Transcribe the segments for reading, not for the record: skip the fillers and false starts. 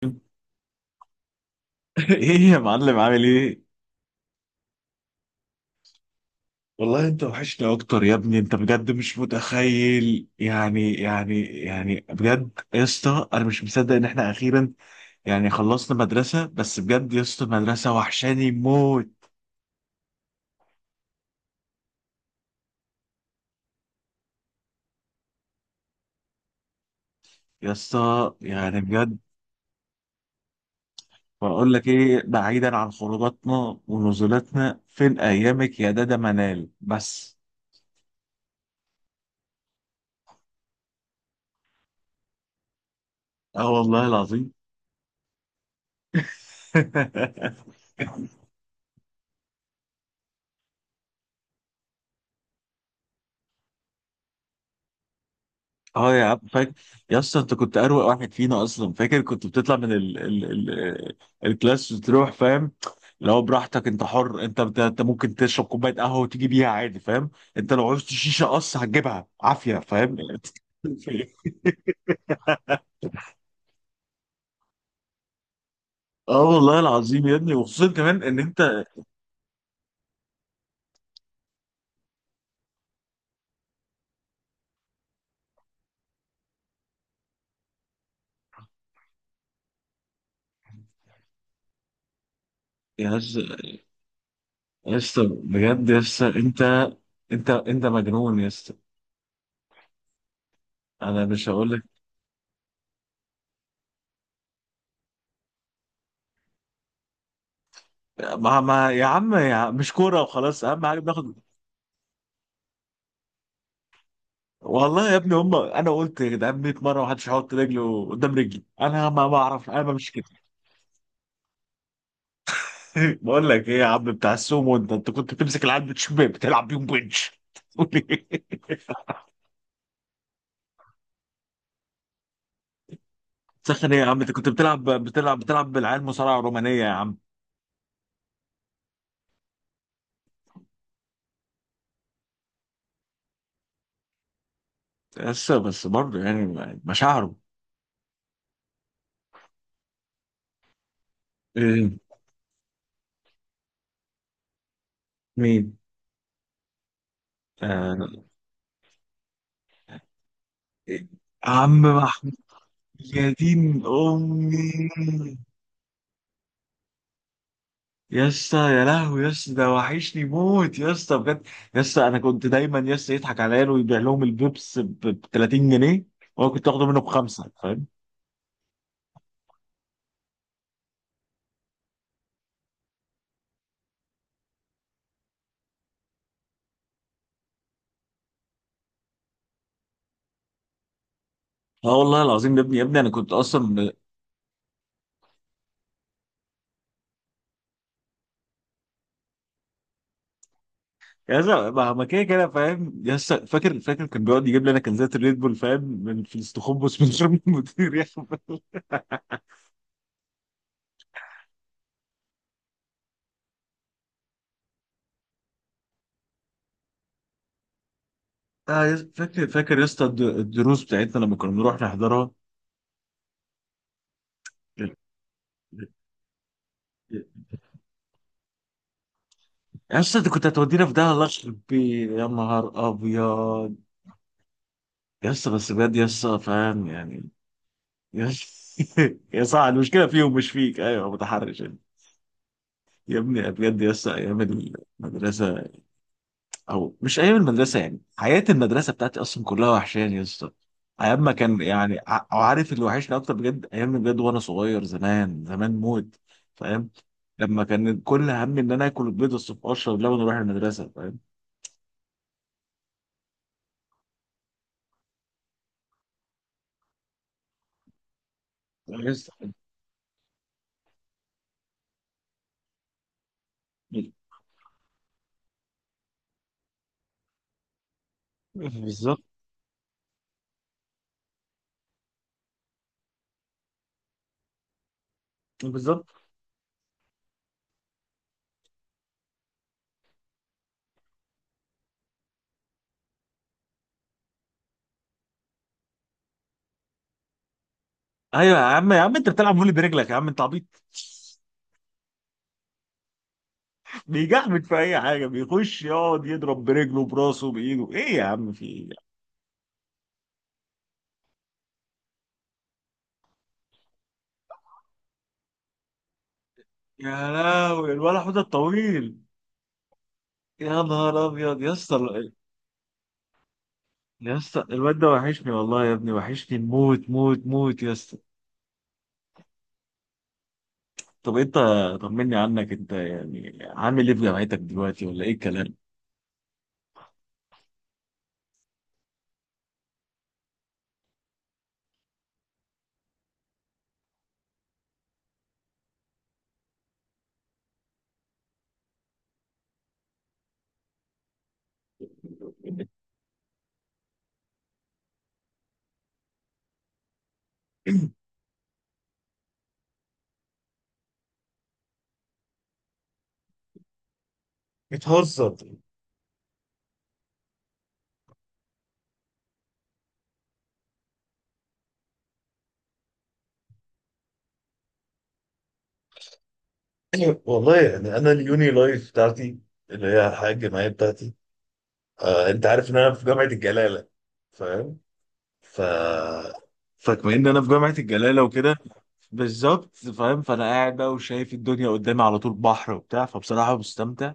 ايه يا معلم عامل ايه؟ والله انت وحشنا اكتر يا ابني، انت بجد مش متخيل. يعني بجد يا اسطى، انا مش مصدق ان احنا اخيرا يعني خلصنا مدرسة. بس بجد يا اسطى المدرسة وحشاني موت يا اسطى، يعني بجد. بقول لك ايه، بعيدا عن خروجاتنا ونزولاتنا، فين ايامك يا دادا منال بس؟ اه والله العظيم. اه يا عم فاكر. يا اسطى انت كنت اروق واحد فينا اصلا، فاكر كنت بتطلع من الكلاس وتروح فاهم، لو براحتك انت حر. انت ممكن تشرب كوبايه قهوه وتيجي بيها عادي فاهم. انت لو عوزت شيشه قص هتجيبها عافيه فاهم. اه والله العظيم يا ابني، وخصوصا كمان ان انت يا اسطى، يا اسطى بجد يا اسطى، انت مجنون يا اسطى. انا مش هقول لك. ما يا عم، يا عم مش كوره وخلاص، اهم حاجه بناخد. والله يا ابني هم، انا قلت يا جدعان 100 مره محدش هيحط رجله قدام رجلي، انا ما بعرف انا بمشي كده. بقول لك ايه يا عم بتاع السومو، انت كنت بتمسك العيال بتشبه بتلعب بيهم بنش. سخن ايه يا عم، انت كنت بتلعب بالعيال مصارعه رومانيه يا عم. بس بس برضه يعني مشاعره. إيه، مين؟ آه. إيه، عم محمود. يا دين امي. يا اسطى يا لهوي يا اسطى، ده وحشني موت يا اسطى بجد. يا اسطى انا كنت دايما يا اسطى يضحك عليا ويبيع لهم البيبس ب 30 جنيه، وانا كنت اخده منه بخمسه فاهم. اه والله العظيم يا ابني، يا ابني انا كنت اصلا. يا اسطى، ما كده كده فاهم يا اسطى. فاكر فاكر كان بيقعد يجيب لي انا كنزات الريد بول فاهم، من في الاستخبص، من غير ما المدير ياخد بالك. اه يا اسطى، فاكر فاكر يا اسطى الدروس بتاعتنا لما كنا بنروح نحضرها. يا اسطى انت كنت هتودينا في ده، الله يخرب بيه يا نهار ابيض. يس بس بجد يس فاهم يعني. يس. يا صح المشكله فيهم مش فيك، ايوه متحرش يعني. يا ابني بجد يس ايام المدرسه، او مش ايام المدرسه، يعني حياه المدرسه بتاعتي اصلا كلها وحشاني يس. ايام ما كان يعني او عارف اللي وحشني اكتر بجد، ايام بجد وانا صغير زمان زمان موت فاهم. لما كان كل همي ان انا اكل البيض الصبح واشرب لبن واروح المدرسه فاهم. يس بالظبط. بالظبط. ايوه يا عم، يا عم انت بتلعب فولي برجلك يا عم انت عبيط، بيجعبد في اي حاجه، بيخش يقعد يضرب برجله براسه بايده ايه يا عم، في ايه. يا لهوي الولا حوده الطويل. يا نهار ابيض يا اسطى. يا اسطى الواد ده وحشني والله يا ابني، وحشني موت موت موت يا اسطى. طب انت، طمني عنك انت، يعني عامل ايه في جامعتك دلوقتي ولا ايه الكلام؟ بتهزر. والله يعني انا اليوني لايف بتاعتي، اللي هي الحياه الجامعيه بتاعتي. آه انت عارف ان انا في جامعه الجلاله فاهم. ف فكما ان انا في جامعه الجلاله وكده بالظبط فاهم، فانا قاعد بقى وشايف الدنيا قدامي على طول بحر وبتاع، فبصراحه مستمتع.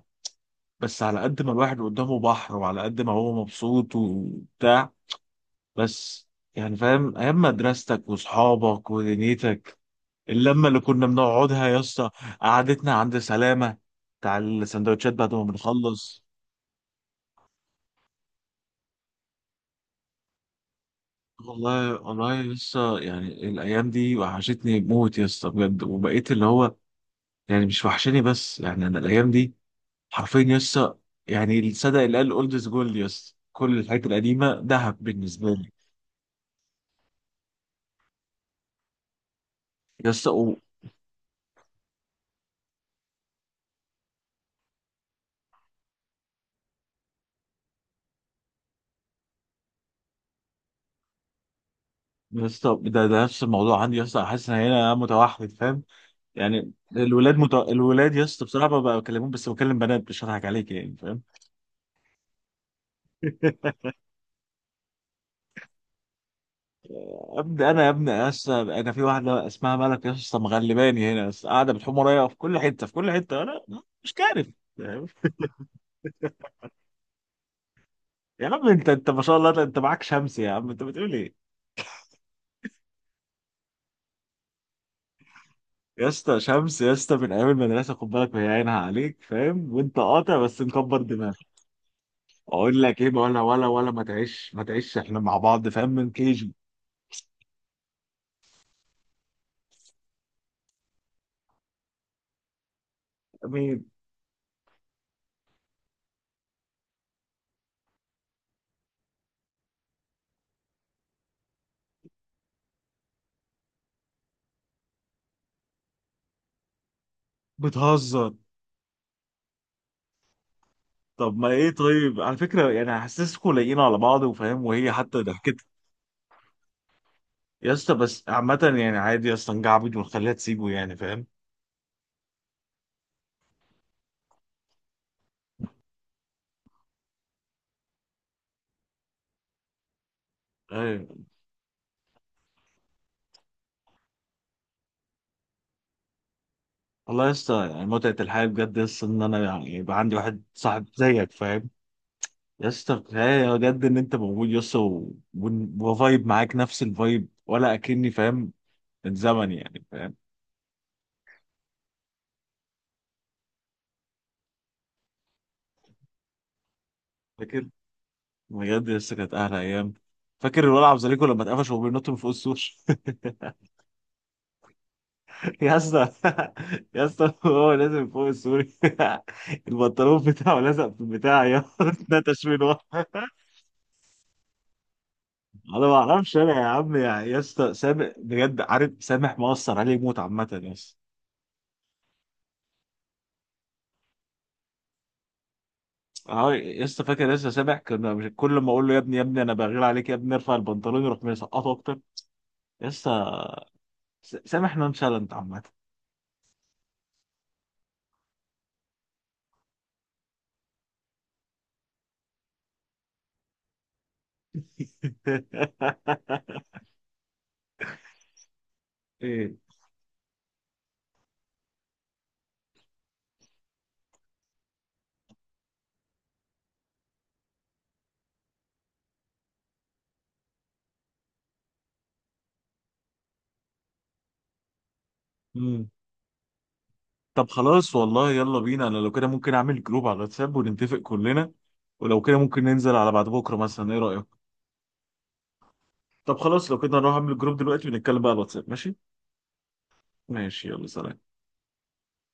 بس على قد ما الواحد قدامه بحر وعلى قد ما هو مبسوط وبتاع، بس يعني فاهم ايام مدرستك واصحابك ودنيتك، اللمه اللي كنا بنقعدها يا اسطى، قعدتنا عند سلامه بتاع السندوتشات بعد ما بنخلص. والله والله لسه يعني الايام دي وحشتني موت يا اسطى بجد، وبقيت اللي هو يعني مش وحشاني بس، يعني انا الايام دي حرفيا يسا. يعني الصدق اللي قال اولدز جولد، يسا كل الحاجات القديمه ذهب بالنسبه لي. يسا و... يسا ده نفس الموضوع عندي يسا، حاسس ان انا متوحد فاهم. يعني الولاد يسا بصراحه ما بكلمهم، بس بكلم بنات، مش هضحك عليك يعني فاهم. ابدا انا يا ابني يسا، انا في واحده اسمها ملك يسا، مغلباني هنا يسا، قاعده بتحوم ورايا في كل حته، في كل حته انا مش كارف فاهم؟ يا عم انت ما شاء الله انت معاك شمس يا عم انت بتقول ايه. يا اسطى شمس يا اسطى، من ايام المدرسه خد بالك، وهي عينها عليك فاهم، وانت قاطع بس مكبر دماغك. اقول لك ايه، ولا ولا ولا ما تعيش ما تعيش، احنا مع بعض فاهم من كيجي. مين؟ بتهزر. طب ما ايه، طيب على فكره يعني حاسسكم لايقين على بعض وفاهم، وهي حتى ضحكت. يا اسطى بس عامه يعني عادي يا اسطى نجعبد ونخليها تسيبه يعني فاهم. ايوه. والله يا اسطى يعني متعه الحياه بجد يا اسطى، ان انا يعني يبقى عندي واحد صاحب زيك فاهم. يا اسطى كفايه بجد ان انت موجود يا اسطى، وفايب معاك نفس الفايب ولا اكني فاهم، الزمن يعني فاهم. فاكر، بجد يا اسطى كانت احلى ايام. فاكر الولع عبد الزليكو لما اتقفش وهو بينط من فوق السور. يا اسطى يا اسطى هو لازم من فوق السور. البنطلون بتاعه لزق في البتاع يا اسطى، اتنتش منه انا. ما اعرفش انا يا عم، يا اسطى سامح بجد، عارف سامح مؤثر عليه موت عامه يا اسطى. اه لسه فاكر، لسه سامع كنا، مش كل ما اقول له يا ابني، يا ابني انا بغير عليك، يا ابني ارفع البنطلون يروح مسقطه اكتر. لسه سامح نونشالنت عامه. ايه. مم. طب خلاص والله يلا بينا، انا لو كده ممكن اعمل جروب على الواتساب ونتفق كلنا، ولو كده ممكن ننزل على بعد بكره مثلا، ايه رايك؟ طب خلاص لو كده نروح اعمل الجروب دلوقتي ونتكلم بقى على الواتساب، ماشي. ماشي يلا سلام.